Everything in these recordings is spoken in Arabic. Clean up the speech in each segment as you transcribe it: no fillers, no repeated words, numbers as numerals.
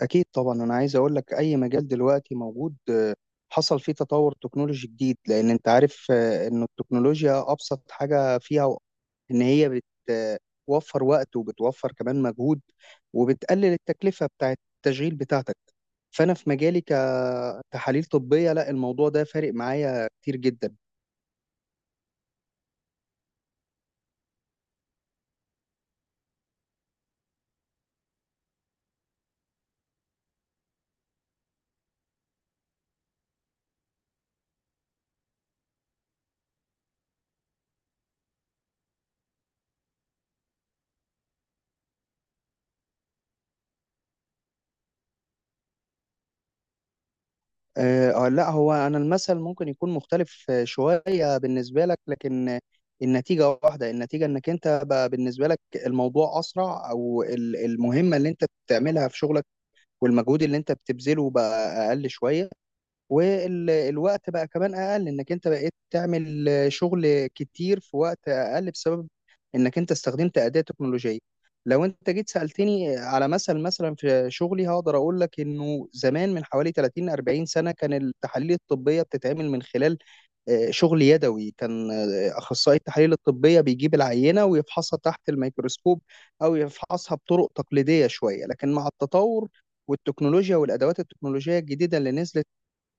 أكيد طبعا أنا عايز أقول لك أي مجال دلوقتي موجود حصل فيه تطور تكنولوجي جديد، لأن أنت عارف إن التكنولوجيا أبسط حاجة فيها إن هي بتوفر وقت وبتوفر كمان مجهود وبتقلل التكلفة بتاعة التشغيل بتاعتك. فأنا في مجالي كتحاليل طبية، لا، الموضوع ده فارق معايا كتير جدا. لا، هو انا المثل ممكن يكون مختلف شويه بالنسبه لك، لكن النتيجه واحده. النتيجه انك انت بقى بالنسبه لك الموضوع اسرع، او ال- المهمه اللي انت بتعملها في شغلك والمجهود اللي انت بتبذله بقى اقل شويه، والوقت بقى كمان اقل، انك انت بقيت تعمل شغل كتير في وقت اقل بسبب انك انت استخدمت اداة تكنولوجية. لو انت جيت سألتني على مثل، مثلا في شغلي هقدر اقول لك انه زمان من حوالي 30 40 سنة كان التحاليل الطبية بتتعمل من خلال شغل يدوي. كان اخصائي التحاليل الطبية بيجيب العينة ويفحصها تحت الميكروسكوب او يفحصها بطرق تقليدية شوية. لكن مع التطور والتكنولوجيا والادوات التكنولوجيه الجديده اللي نزلت،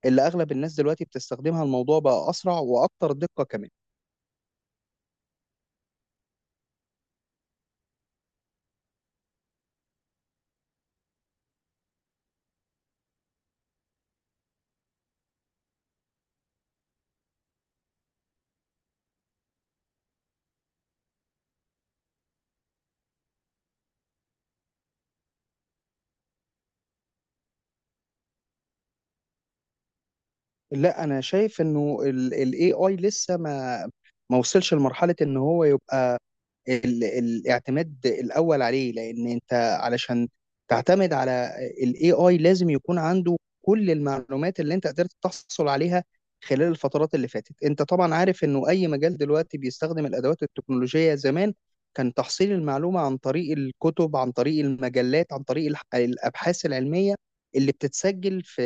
اللي اغلب الناس دلوقتي بتستخدمها، الموضوع بقى اسرع واكتر دقه كمان. لا، انا شايف انه الاي اي لسه ما وصلش لمرحله ان هو يبقى ال- الاعتماد الاول عليه. لان انت علشان تعتمد على الاي اي لازم يكون عنده كل المعلومات اللي انت قدرت تحصل عليها خلال الفترات اللي فاتت. انت طبعا عارف انه اي مجال دلوقتي بيستخدم الادوات التكنولوجية. زمان كان تحصيل المعلومة عن طريق الكتب، عن طريق المجلات، عن طريق الح- الابحاث العلمية اللي بتتسجل في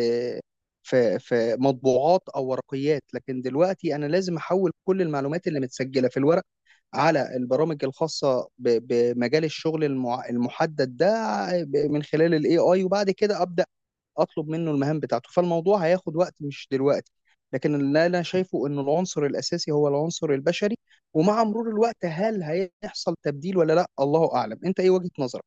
في في مطبوعات او ورقيات. لكن دلوقتي انا لازم احول كل المعلومات اللي متسجلة في الورق على البرامج الخاصة ب- بمجال الشغل المع- المحدد ده ب- من خلال الاي اي، وبعد كده ابدا اطلب منه المهام بتاعته. فالموضوع هياخد وقت، مش دلوقتي. لكن اللي انا شايفه ان العنصر الاساسي هو العنصر البشري. ومع مرور الوقت هل هيحصل تبديل ولا لا، الله اعلم. انت ايه وجهة نظرك؟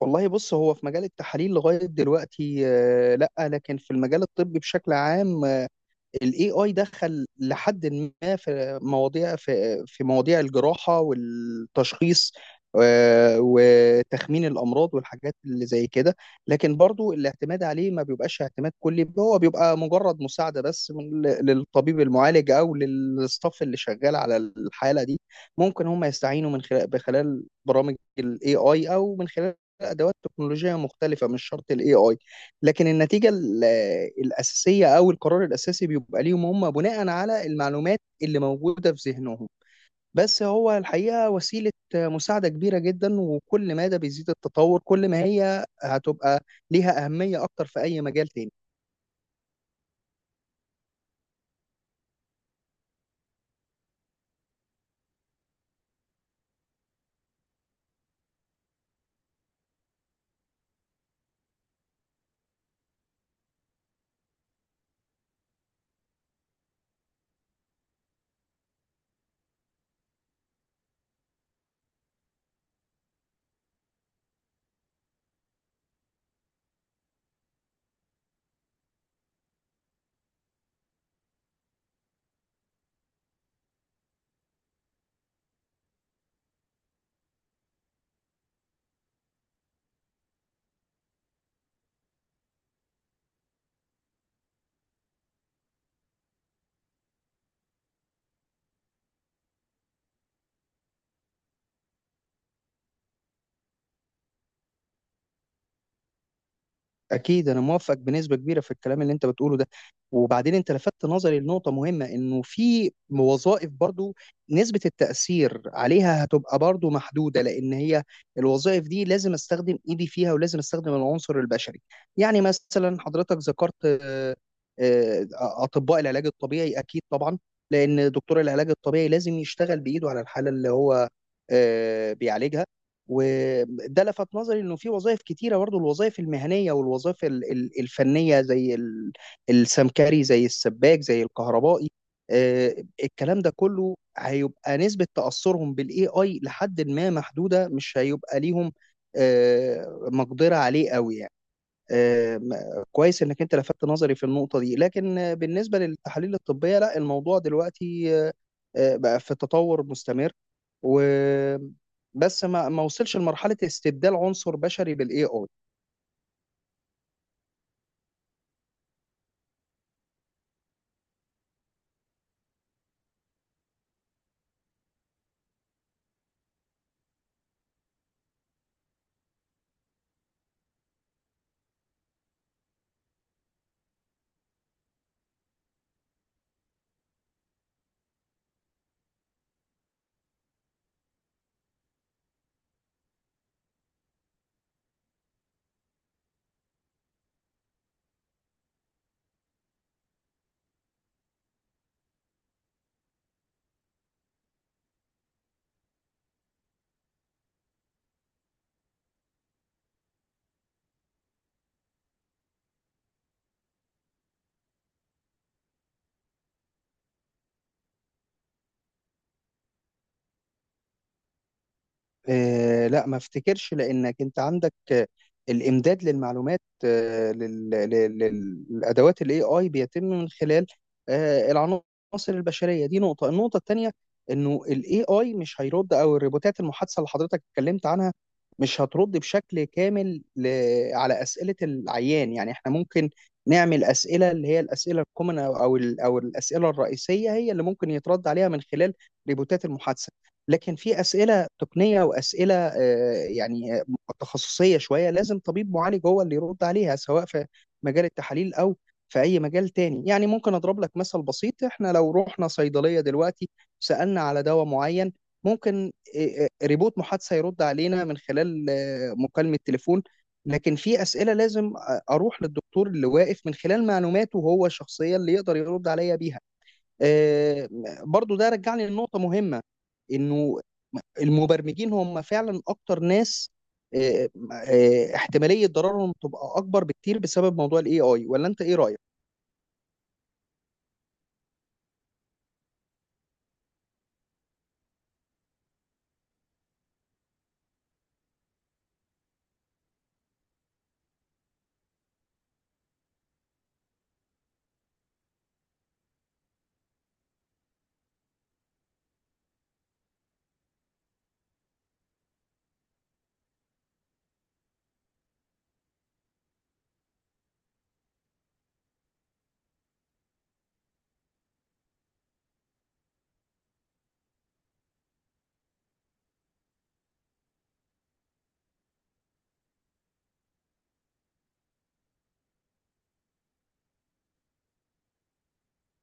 والله، بص، هو في مجال التحاليل لغاية دلوقتي لا، لكن في المجال الطبي بشكل عام الاي اي دخل لحد ما في مواضيع، في مواضيع الجراحه والتشخيص وتخمين الامراض والحاجات اللي زي كده. لكن برضو الاعتماد عليه ما بيبقاش اعتماد كلي، هو بيبقى مجرد مساعده بس من- للطبيب المعالج او للستاف اللي شغال على الحاله دي. ممكن هم يستعينوا من خلال بخلال برامج الاي اي او من خلال ادوات تكنولوجيه مختلفه، مش شرط الاي اي. لكن النتيجه ال- الاساسيه او القرار الاساسي بيبقى ليهم هم بناء على المعلومات اللي موجوده في ذهنهم. بس هو الحقيقه وسيله مساعده كبيره جدا، وكل ما ده بيزيد التطور كل ما هي هتبقى ليها اهميه اكتر في اي مجال تاني. اكيد انا موافق بنسبه كبيره في الكلام اللي انت بتقوله ده. وبعدين انت لفتت نظري لنقطه مهمه، انه في وظائف برضو نسبه التاثير عليها هتبقى برضو محدوده، لان هي الوظائف دي لازم استخدم ايدي فيها ولازم استخدم العنصر البشري. يعني مثلا حضرتك ذكرت آه، اطباء العلاج الطبيعي، اكيد طبعا، لان دكتور العلاج الطبيعي لازم يشتغل بايده على الحاله اللي هو بيعالجها. وده لفت نظري انه في وظائف كتيره برضه، الوظائف المهنيه والوظائف ال- ال- الفنيه زي ال- السمكري، زي السباك، زي الكهربائي، آه، الكلام ده كله هيبقى نسبه تاثرهم بالاي اي لحد ما محدوده، مش هيبقى ليهم مقدره عليه قوي يعني. آم، كويس انك انت لفتت نظري في النقطة دي. لكن بالنسبة للتحاليل الطبية لا، الموضوع دلوقتي بقى في تطور مستمر، و بس ما وصلش لمرحلة استبدال عنصر بشري بالاي اي. آه، لا، ما افتكرش، لانك انت عندك الامداد للمعلومات للادوات الاي اي بيتم من خلال العناصر البشريه دي. نقطه، النقطه الثانيه انه الاي اي مش هيرد، او الروبوتات المحادثه اللي حضرتك اتكلمت عنها مش هترد بشكل كامل ل- على اسئله العيان. يعني احنا ممكن نعمل اسئله اللي هي الاسئله الكومن او ال- أو الاسئله الرئيسيه هي اللي ممكن يترد عليها من خلال روبوتات المحادثه. لكن في اسئله تقنيه واسئله يعني تخصصيه شويه لازم طبيب معالج هو اللي يرد عليها، سواء في مجال التحاليل او في اي مجال تاني. يعني ممكن اضرب لك مثل بسيط، احنا لو رحنا صيدليه دلوقتي سالنا على دواء معين ممكن ريبوت محادثه يرد علينا من خلال مكالمه تليفون. لكن في اسئله لازم اروح للدكتور اللي واقف من خلال معلوماته هو الشخصيه اللي يقدر يرد عليا بيها. آه، برضو ده رجعني لنقطه مهمه، انه المبرمجين هم فعلا اكتر ناس آه، احتماليه ضررهم تبقى اكبر بكتير بسبب موضوع الاي اي. ولا انت ايه رايك؟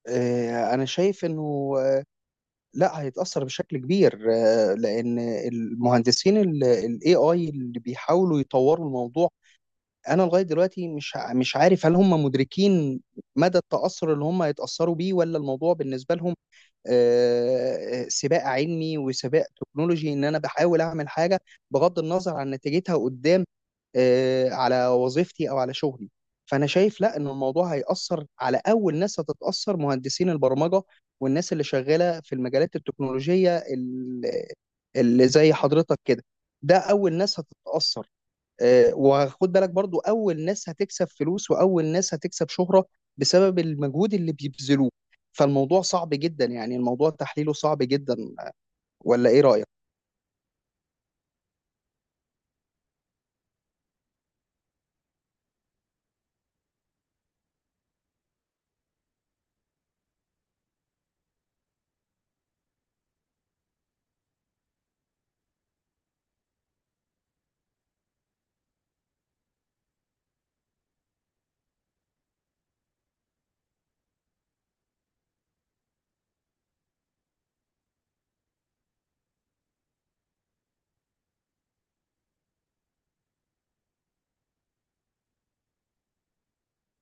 انا شايف انه لا، هيتاثر بشكل كبير، لان المهندسين الاي اي اللي بيحاولوا يطوروا الموضوع، انا لغايه دلوقتي مش عارف هل هم مدركين مدى التاثر اللي هم هيتاثروا بيه، ولا الموضوع بالنسبه لهم سباق علمي وسباق تكنولوجي ان انا بحاول اعمل حاجه بغض النظر عن نتيجتها قدام على وظيفتي او على شغلي. فانا شايف لا ان الموضوع هيأثر، على اول ناس هتتأثر مهندسين البرمجه والناس اللي شغاله في المجالات التكنولوجيه ال- اللي زي حضرتك كده. ده اول ناس هتتأثر. وخد بالك برضو اول ناس هتكسب فلوس واول ناس هتكسب شهرة بسبب المجهود اللي بيبذلوه. فالموضوع صعب جدا، يعني الموضوع تحليله صعب جدا. ولا ايه رأيك؟